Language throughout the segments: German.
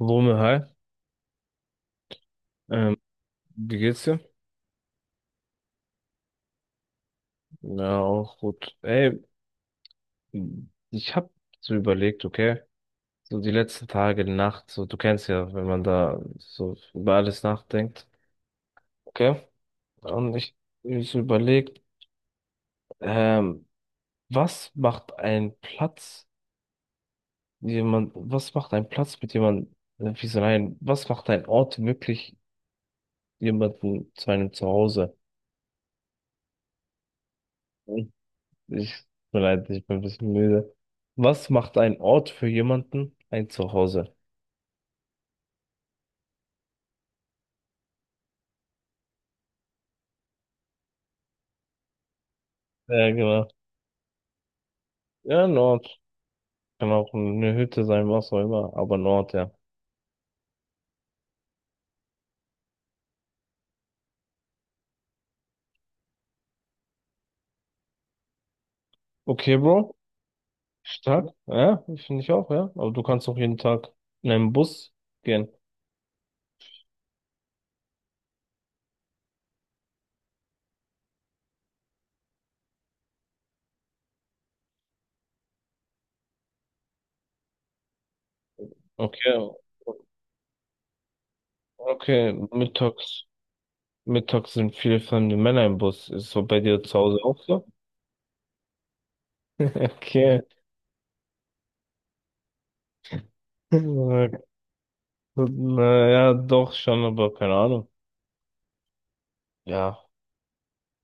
Lome, hi. Ähm, Wie geht's dir? Ja, auch gut. Ey, ich hab so überlegt, okay, so die letzten Tage, Nacht, so du kennst ja, wenn man da so über alles nachdenkt, okay? Und ich so überlegt, ähm, was macht ein Platz, jemand, was macht ein Platz mit jemandem, wie so ein, was macht ein Ort wirklich jemanden zu einem Zuhause? Ich, tut mir leid, ich bin ein bisschen müde. Was macht ein Ort für jemanden ein Zuhause? Ja, genau. Ja, ein Ort. Kann auch eine Hütte sein, was auch immer, aber ein Ort, ja. Okay, Bro. Stark. Ja, finde ich auch, ja. Aber du kannst auch jeden Tag in einen Bus gehen. Okay, okay. Mittags, mittags sind viele fremde Männer im Bus. Ist so bei dir zu Hause auch so? Okay. Na ja, doch schon, aber keine Ahnung. Ja,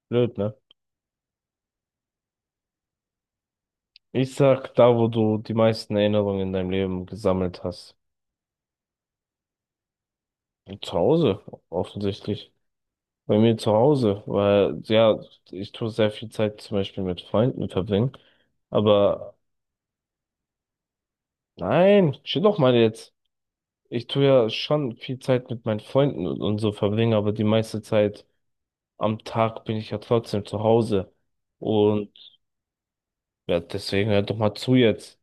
blöd, ne? Ich sag da, wo du die meisten Erinnerungen in deinem Leben gesammelt hast. Zu Hause, offensichtlich. Bei mir zu Hause, weil, ja, ich tue sehr viel Zeit zum Beispiel mit Freunden verbringen. Aber nein, chill doch mal jetzt. Ich tue ja schon viel Zeit mit meinen Freunden und so verbringen, aber die meiste Zeit am Tag bin ich ja trotzdem zu Hause. Und ja, deswegen hör doch mal zu jetzt.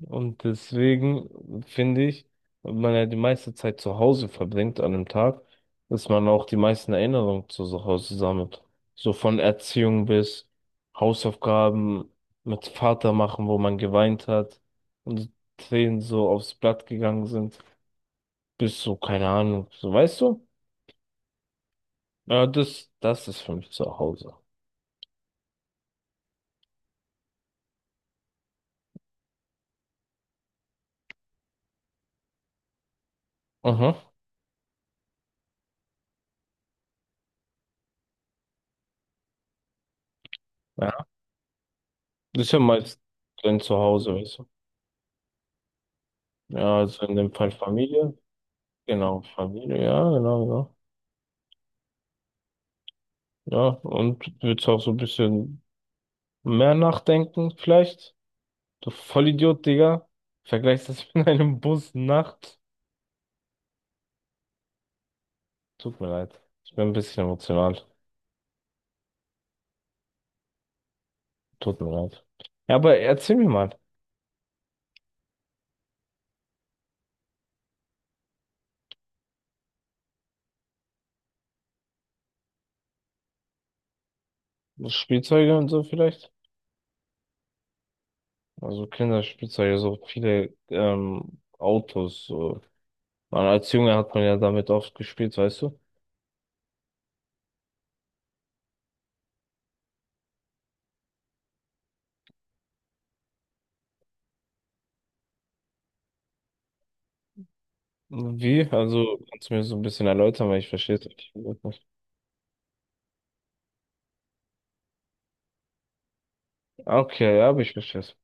Und deswegen finde ich, wenn man ja die meiste Zeit zu Hause verbringt an einem Tag, dass man auch die meisten Erinnerungen zu so Hause sammelt. So von Erziehung bis Hausaufgaben mit Vater machen, wo man geweint hat und die Tränen so aufs Blatt gegangen sind, bis so, keine Ahnung, so weißt du? Ja, das, das ist für mich zu Hause. Mhm. Ja. Das ist ja meist dein Zuhause, weißt du? Ja, also in dem Fall Familie. Genau, Familie, ja, genau, genau. Ja, und würdest auch so ein bisschen mehr nachdenken, vielleicht? Du Vollidiot, Digga. Vergleichst das mit einem Bus nachts. Tut mir leid. Ich bin ein bisschen emotional. Tut mir leid. Ja, aber erzähl mir mal. Spielzeuge und so vielleicht? Also Kinderspielzeuge, so viele Autos. So. Man, als Junge hat man ja damit oft gespielt, weißt du? Wie? Also, kannst du mir so ein bisschen erläutern, weil ich verstehe es nicht. Ah, okay, ja, aber ich verstehe es.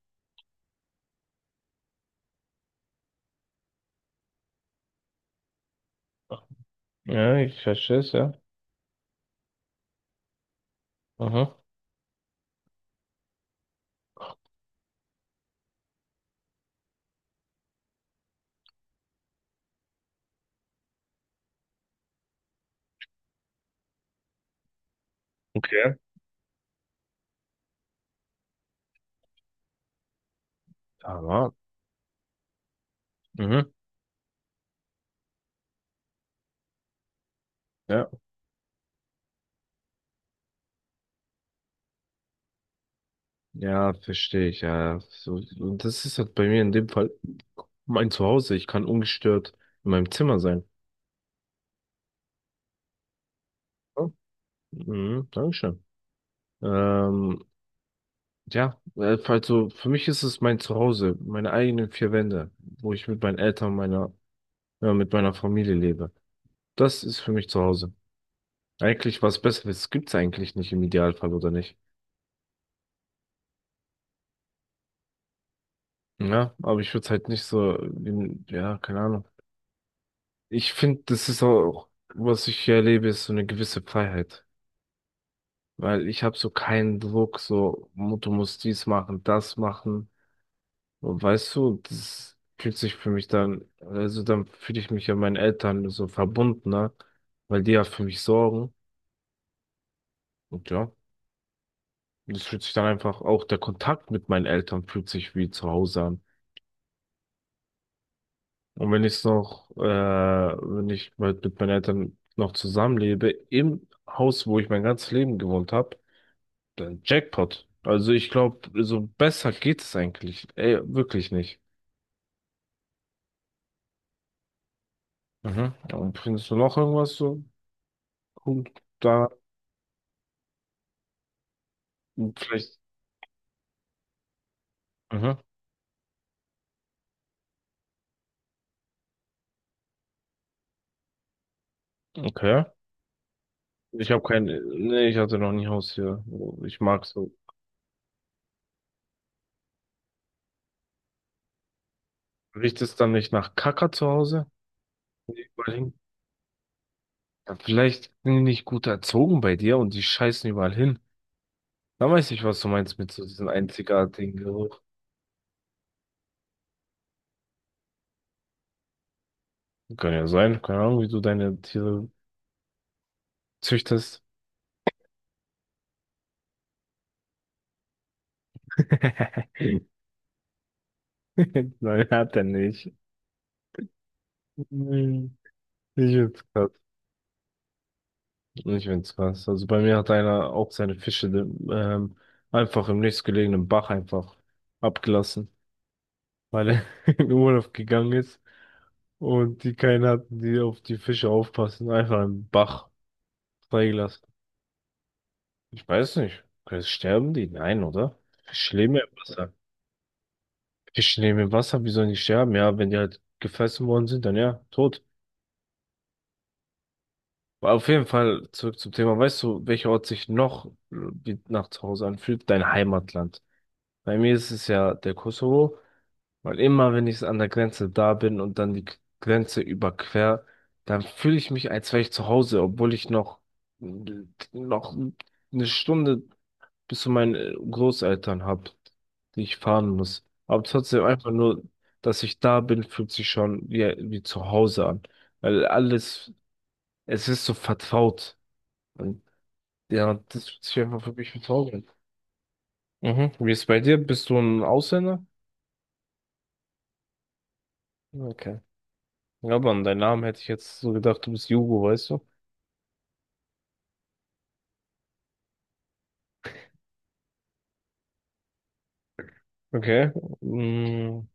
Ja, ich verstehe es, ja. Aha. Okay. Aber, mhm. Ja, ja, verstehe ich, ja. So, und das ist halt bei mir in dem Fall mein Zuhause. Ich kann ungestört in meinem Zimmer sein. Ja. Mhm, Dankeschön. Ähm, ja, also für mich ist es mein Zuhause, meine eigenen vier Wände, wo ich mit meinen Eltern, meiner, ja, mit meiner Familie lebe. Das ist für mich Zuhause. Eigentlich was Besseres gibt's eigentlich nicht im Idealfall, oder nicht? Ja, aber ich würde es halt nicht so, in, ja, keine Ahnung. Ich finde, das ist auch, was ich hier erlebe, ist so eine gewisse Freiheit. Weil ich habe so keinen Druck, so, du musst dies machen, das machen. Und weißt du, das fühlt sich für mich dann, also dann fühle ich mich ja meinen Eltern so verbundener, weil die ja für mich sorgen. Und ja, das fühlt sich dann einfach, auch der Kontakt mit meinen Eltern fühlt sich wie zu Hause an. Und wenn ich noch, wenn ich mit meinen Eltern noch zusammenlebe, im Haus, wo ich mein ganzes Leben gewohnt habe, dann Jackpot. Also ich glaube, so besser geht es eigentlich. Ey, wirklich nicht. Mhm. Und bringst du noch irgendwas so? Gut, da vielleicht. Mhm. Okay. Ich habe kein. Nee, ich hatte noch nie Haustier. Ich mag so. Riecht es dann nicht nach Kacker zu Hause? Wenn die überall hin. Ja, vielleicht sind die nicht gut erzogen bei dir und die scheißen überall hin. Da weiß ich, was du meinst mit so diesem einzigartigen Geruch. Kann ja sein. Keine Ahnung, wie du deine Tiere züchtest. Nein, hat er nicht. Mhm. Ich find's krass. Ich find's krass. Also bei mir hat einer auch seine Fische einfach im nächstgelegenen Bach einfach abgelassen, weil er in Urlaub gegangen ist und die keinen hatten, die auf die Fische aufpassen. Einfach im Bach freigelassen. Ich weiß nicht. Sterben die? Nein, oder? Fische leben ja im Wasser. Fische leben im Wasser, wie sollen die sterben? Ja, wenn die halt gefressen worden sind, dann ja, tot. Auf jeden Fall zurück zum Thema. Weißt du, welcher Ort sich noch wie nach zu Hause anfühlt? Dein Heimatland. Bei mir ist es ja der Kosovo, weil immer, wenn ich an der Grenze da bin und dann die Grenze überquer, dann fühle ich mich, als wäre ich zu Hause, obwohl ich noch eine Stunde bis zu meinen Großeltern habe, die ich fahren muss. Aber trotzdem einfach nur, dass ich da bin, fühlt sich schon wie, wie zu Hause an, weil alles, es ist so vertraut. Ja, das fühlt sich einfach für mich bezaubern. Mhm. Wie ist es bei dir? Bist du ein Ausländer? Okay. Ja, aber an deinen Namen hätte ich jetzt so gedacht, du bist Jugo, weißt du? Okay. Mm,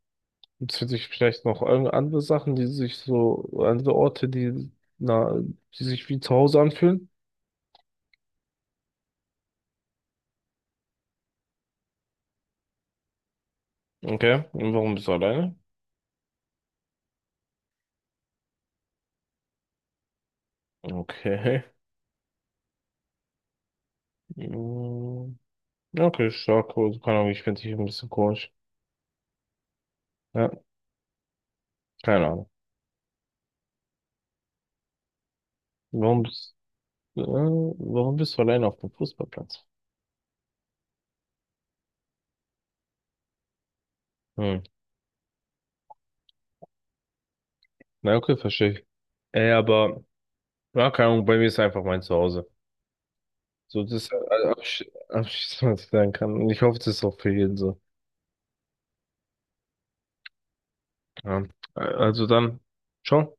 jetzt für dich vielleicht noch andere Sachen, die sich so, andere Orte, die, na, die sich wie zu Hause anfühlen. Okay. Und warum bist du alleine? Okay. Mm, okay, stark. Also, keine Ahnung, ich finde dich ein bisschen komisch. Ja, keine Ahnung. Warum bist, warum bist du alleine auf dem Fußballplatz? Hm. Na, okay, verstehe ich. Ey, aber, ja, keine Ahnung, bei mir ist einfach mein Zuhause. So, das ist abschließend, was ich sagen kann. Und ich hoffe, das ist auch für jeden so. Ja. Also dann, ciao.